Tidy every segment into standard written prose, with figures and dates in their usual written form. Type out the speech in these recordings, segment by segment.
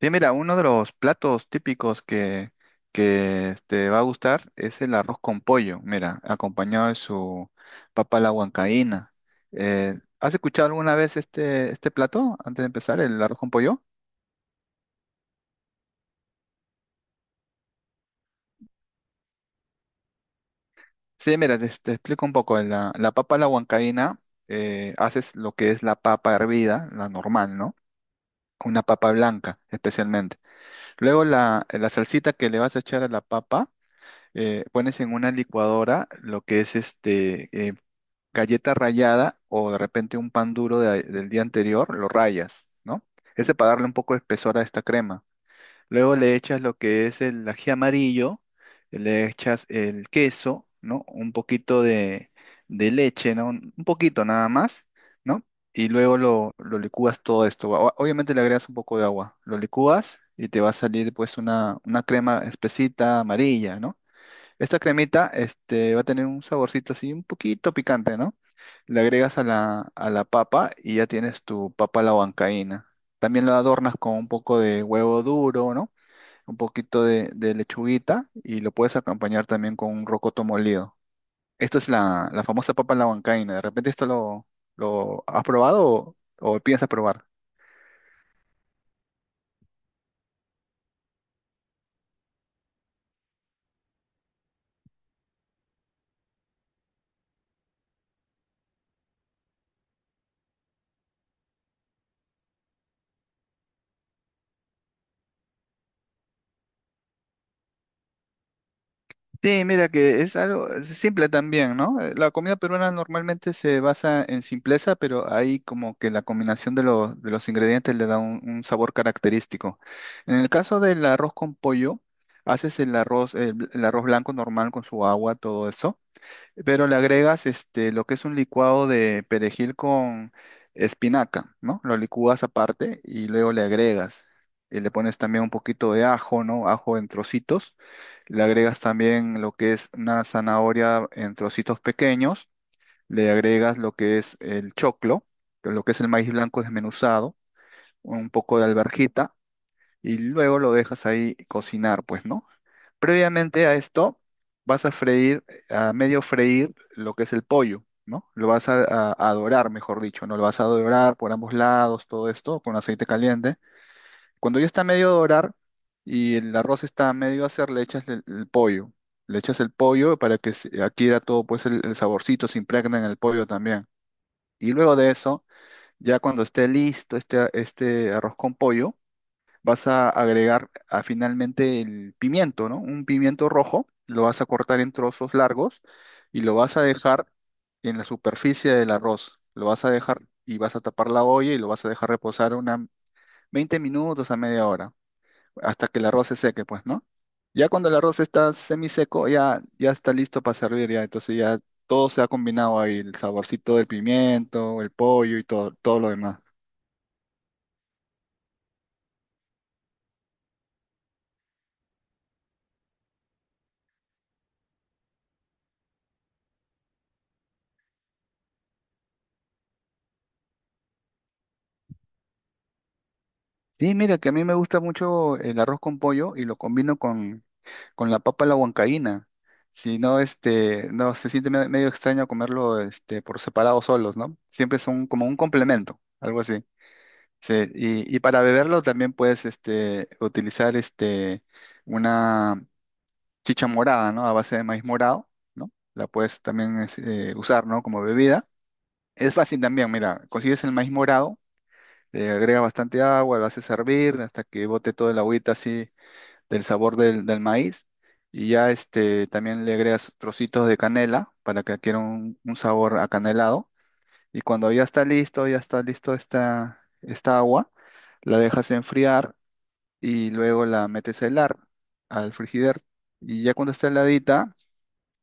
Bien, mira, uno de los platos típicos que te va a gustar es el arroz con pollo, mira, acompañado de su papa a la huancaína. ¿Has escuchado alguna vez este plato antes de empezar, el arroz con pollo? Sí, mira, te explico un poco. La papa a la huancaína, haces lo que es la papa hervida, la normal, ¿no? Una papa blanca, especialmente. Luego la salsita que le vas a echar a la papa, pones en una licuadora lo que es este, galleta rallada o de repente un pan duro del día anterior, lo rayas, ¿no? Ese para darle un poco de espesor a esta crema. Luego le echas lo que es el ají amarillo, le echas el queso, ¿no? Un poquito de leche, ¿no? Un poquito nada más, ¿no? Y luego lo licúas todo esto. Obviamente le agregas un poco de agua. Lo licúas y te va a salir pues una crema espesita amarilla, ¿no? Esta cremita, este, va a tener un saborcito así un poquito picante, ¿no? Le agregas a a la papa y ya tienes tu papa a la huancaína. También lo adornas con un poco de huevo duro, ¿no? Un poquito de lechuguita y lo puedes acompañar también con un rocoto molido. Esto es la famosa papa a la huancaína. ¿De repente esto lo has probado o piensas probar? Sí, mira que es algo es simple también, ¿no? La comida peruana normalmente se basa en simpleza, pero ahí como que la combinación de, de los ingredientes le da un sabor característico. En el caso del arroz con pollo, haces el arroz, el, el arroz blanco normal con su agua, todo eso, pero le agregas este, lo que es un licuado de perejil con espinaca, ¿no? Lo licúas aparte y luego le agregas. Y le pones también un poquito de ajo, ¿no? Ajo en trocitos le agregas también lo que es una zanahoria en trocitos pequeños. Le agregas lo que es el choclo, que lo que es el maíz blanco desmenuzado, un poco de alverjita y luego lo dejas ahí cocinar, pues, ¿no? Previamente a esto vas a freír, a medio freír lo que es el pollo, ¿no? Lo vas a, a dorar, mejor dicho, ¿no? Lo vas a dorar por ambos lados, todo esto con aceite caliente. Cuando ya está medio dorar y el arroz está medio a hacer, le echas el pollo. Le echas el pollo para que se adquiera todo pues el saborcito, se impregna en el pollo también. Y luego de eso, ya cuando esté listo este, este arroz con pollo, vas a agregar ah, finalmente el pimiento, ¿no? Un pimiento rojo, lo vas a cortar en trozos largos y lo vas a dejar en la superficie del arroz. Lo vas a dejar y vas a tapar la olla y lo vas a dejar reposar unas 20 minutos a media hora hasta que el arroz se seque, pues, ¿no? Ya cuando el arroz está semiseco, ya, ya está listo para servir, ya. Entonces ya todo se ha combinado ahí, el saborcito del pimiento, el pollo y todo, todo lo demás. Sí, mira, que a mí me gusta mucho el arroz con pollo y lo combino con la papa a la huancaína. Si no, este, no, se siente medio extraño comerlo, este, por separado solos, ¿no? Siempre son como un complemento, algo así. Sí, y para beberlo también puedes, este, utilizar, este, una, chicha morada, ¿no? A base de maíz morado, ¿no? La puedes también usar, ¿no? Como bebida. Es fácil también, mira, consigues el maíz morado, le agregas bastante agua, lo haces hervir hasta que bote toda la agüita así del sabor del maíz. Y ya este, también le agregas trocitos de canela para que adquiera un sabor acanelado. Y cuando ya está listo esta agua, la dejas enfriar y luego la metes a helar al frigider. Y ya cuando está heladita,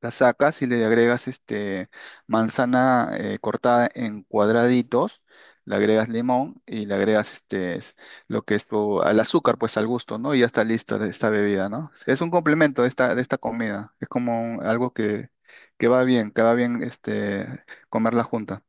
la sacas y le agregas este manzana cortada en cuadraditos, le agregas limón y le agregas lo que es tu, al azúcar, pues al gusto, ¿no? Y ya está listo de esta bebida, ¿no? Es un complemento de esta comida. Es como algo que va bien este comerla junta.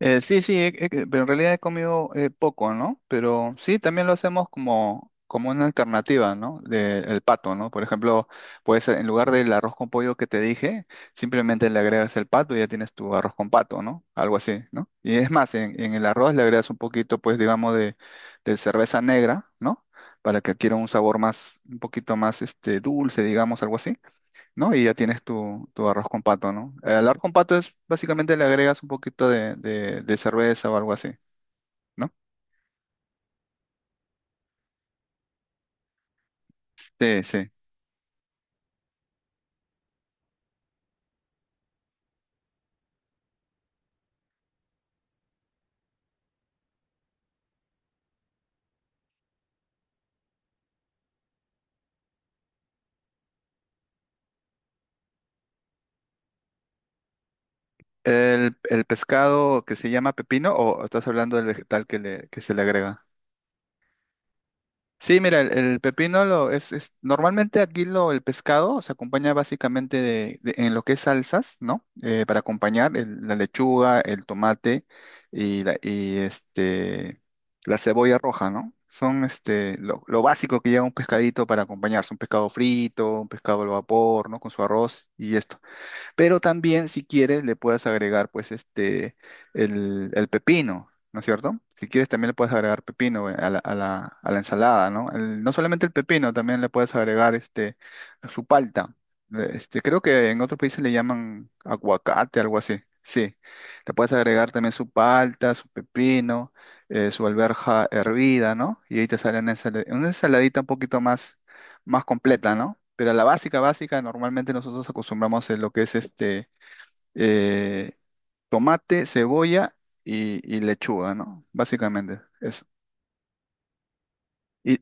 Sí, sí, pero en realidad he comido poco, ¿no? Pero sí, también lo hacemos como, como una alternativa, ¿no? De, el pato, ¿no? Por ejemplo, puedes, en lugar del arroz con pollo que te dije, simplemente le agregas el pato y ya tienes tu arroz con pato, ¿no? Algo así, ¿no? Y es más, en el arroz le agregas un poquito, pues, digamos, de cerveza negra, ¿no? Para que adquiera un sabor más, un poquito más, este, dulce, digamos, algo así. ¿No? Y ya tienes tu, tu arroz con pato, ¿no? El arroz con pato es básicamente le agregas un poquito de, de cerveza o algo así, ¿no? Sí, sí. El pescado que se llama pepino o estás hablando del vegetal que, le, que se le agrega. Sí, mira, el pepino lo es, normalmente aquí lo el pescado se acompaña básicamente de, en lo que es salsas, ¿no? Para acompañar la lechuga, el tomate y y este la cebolla roja, ¿no? Son este lo básico que lleva un pescadito para acompañarse, un pescado frito, un pescado al vapor, ¿no? Con su arroz y es pero también, si quieres, le puedes agregar, pues, este, el pepino, ¿no es cierto? Si quieres, también le puedes agregar pepino a a la ensalada, ¿no? No solamente el pepino, también le puedes agregar, este, su palta. Este, creo que en otros países le llaman aguacate, algo así. Sí, le puedes agregar también su palta, su pepino, su alberja hervida, ¿no? Y ahí te sale una una ensaladita un poquito más más completa, ¿no? Pero la básica, básica, normalmente nosotros acostumbramos en lo que es este eh, tomate, cebolla y lechuga, ¿no? Básicamente eso. Y,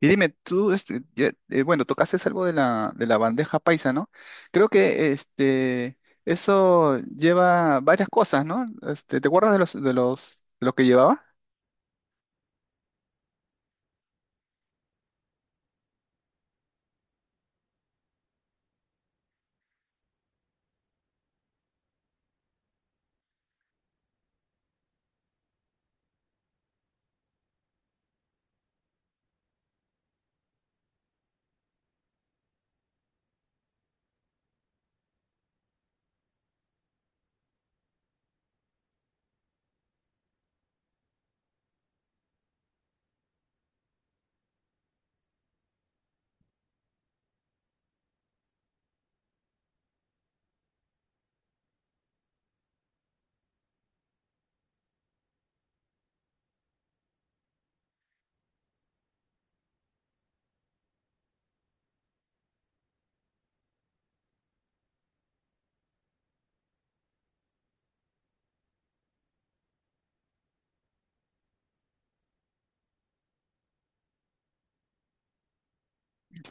y dime, tú, este, bueno, tocaste algo de de la bandeja paisa, ¿no? Creo que este, eso lleva varias cosas, ¿no? Este, ¿te acuerdas de de lo que llevaba?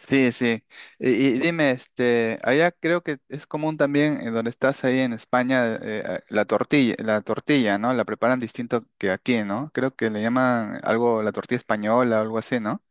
Sí, sí. Y dime, este, allá creo que es común también donde estás ahí en España, la tortilla, ¿no? La preparan distinto que aquí, ¿no? Creo que le llaman algo la tortilla española o algo así, ¿no?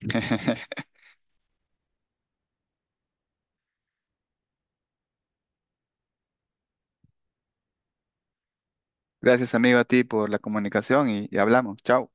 Gracias, amigo, a ti por la comunicación y hablamos. Chao.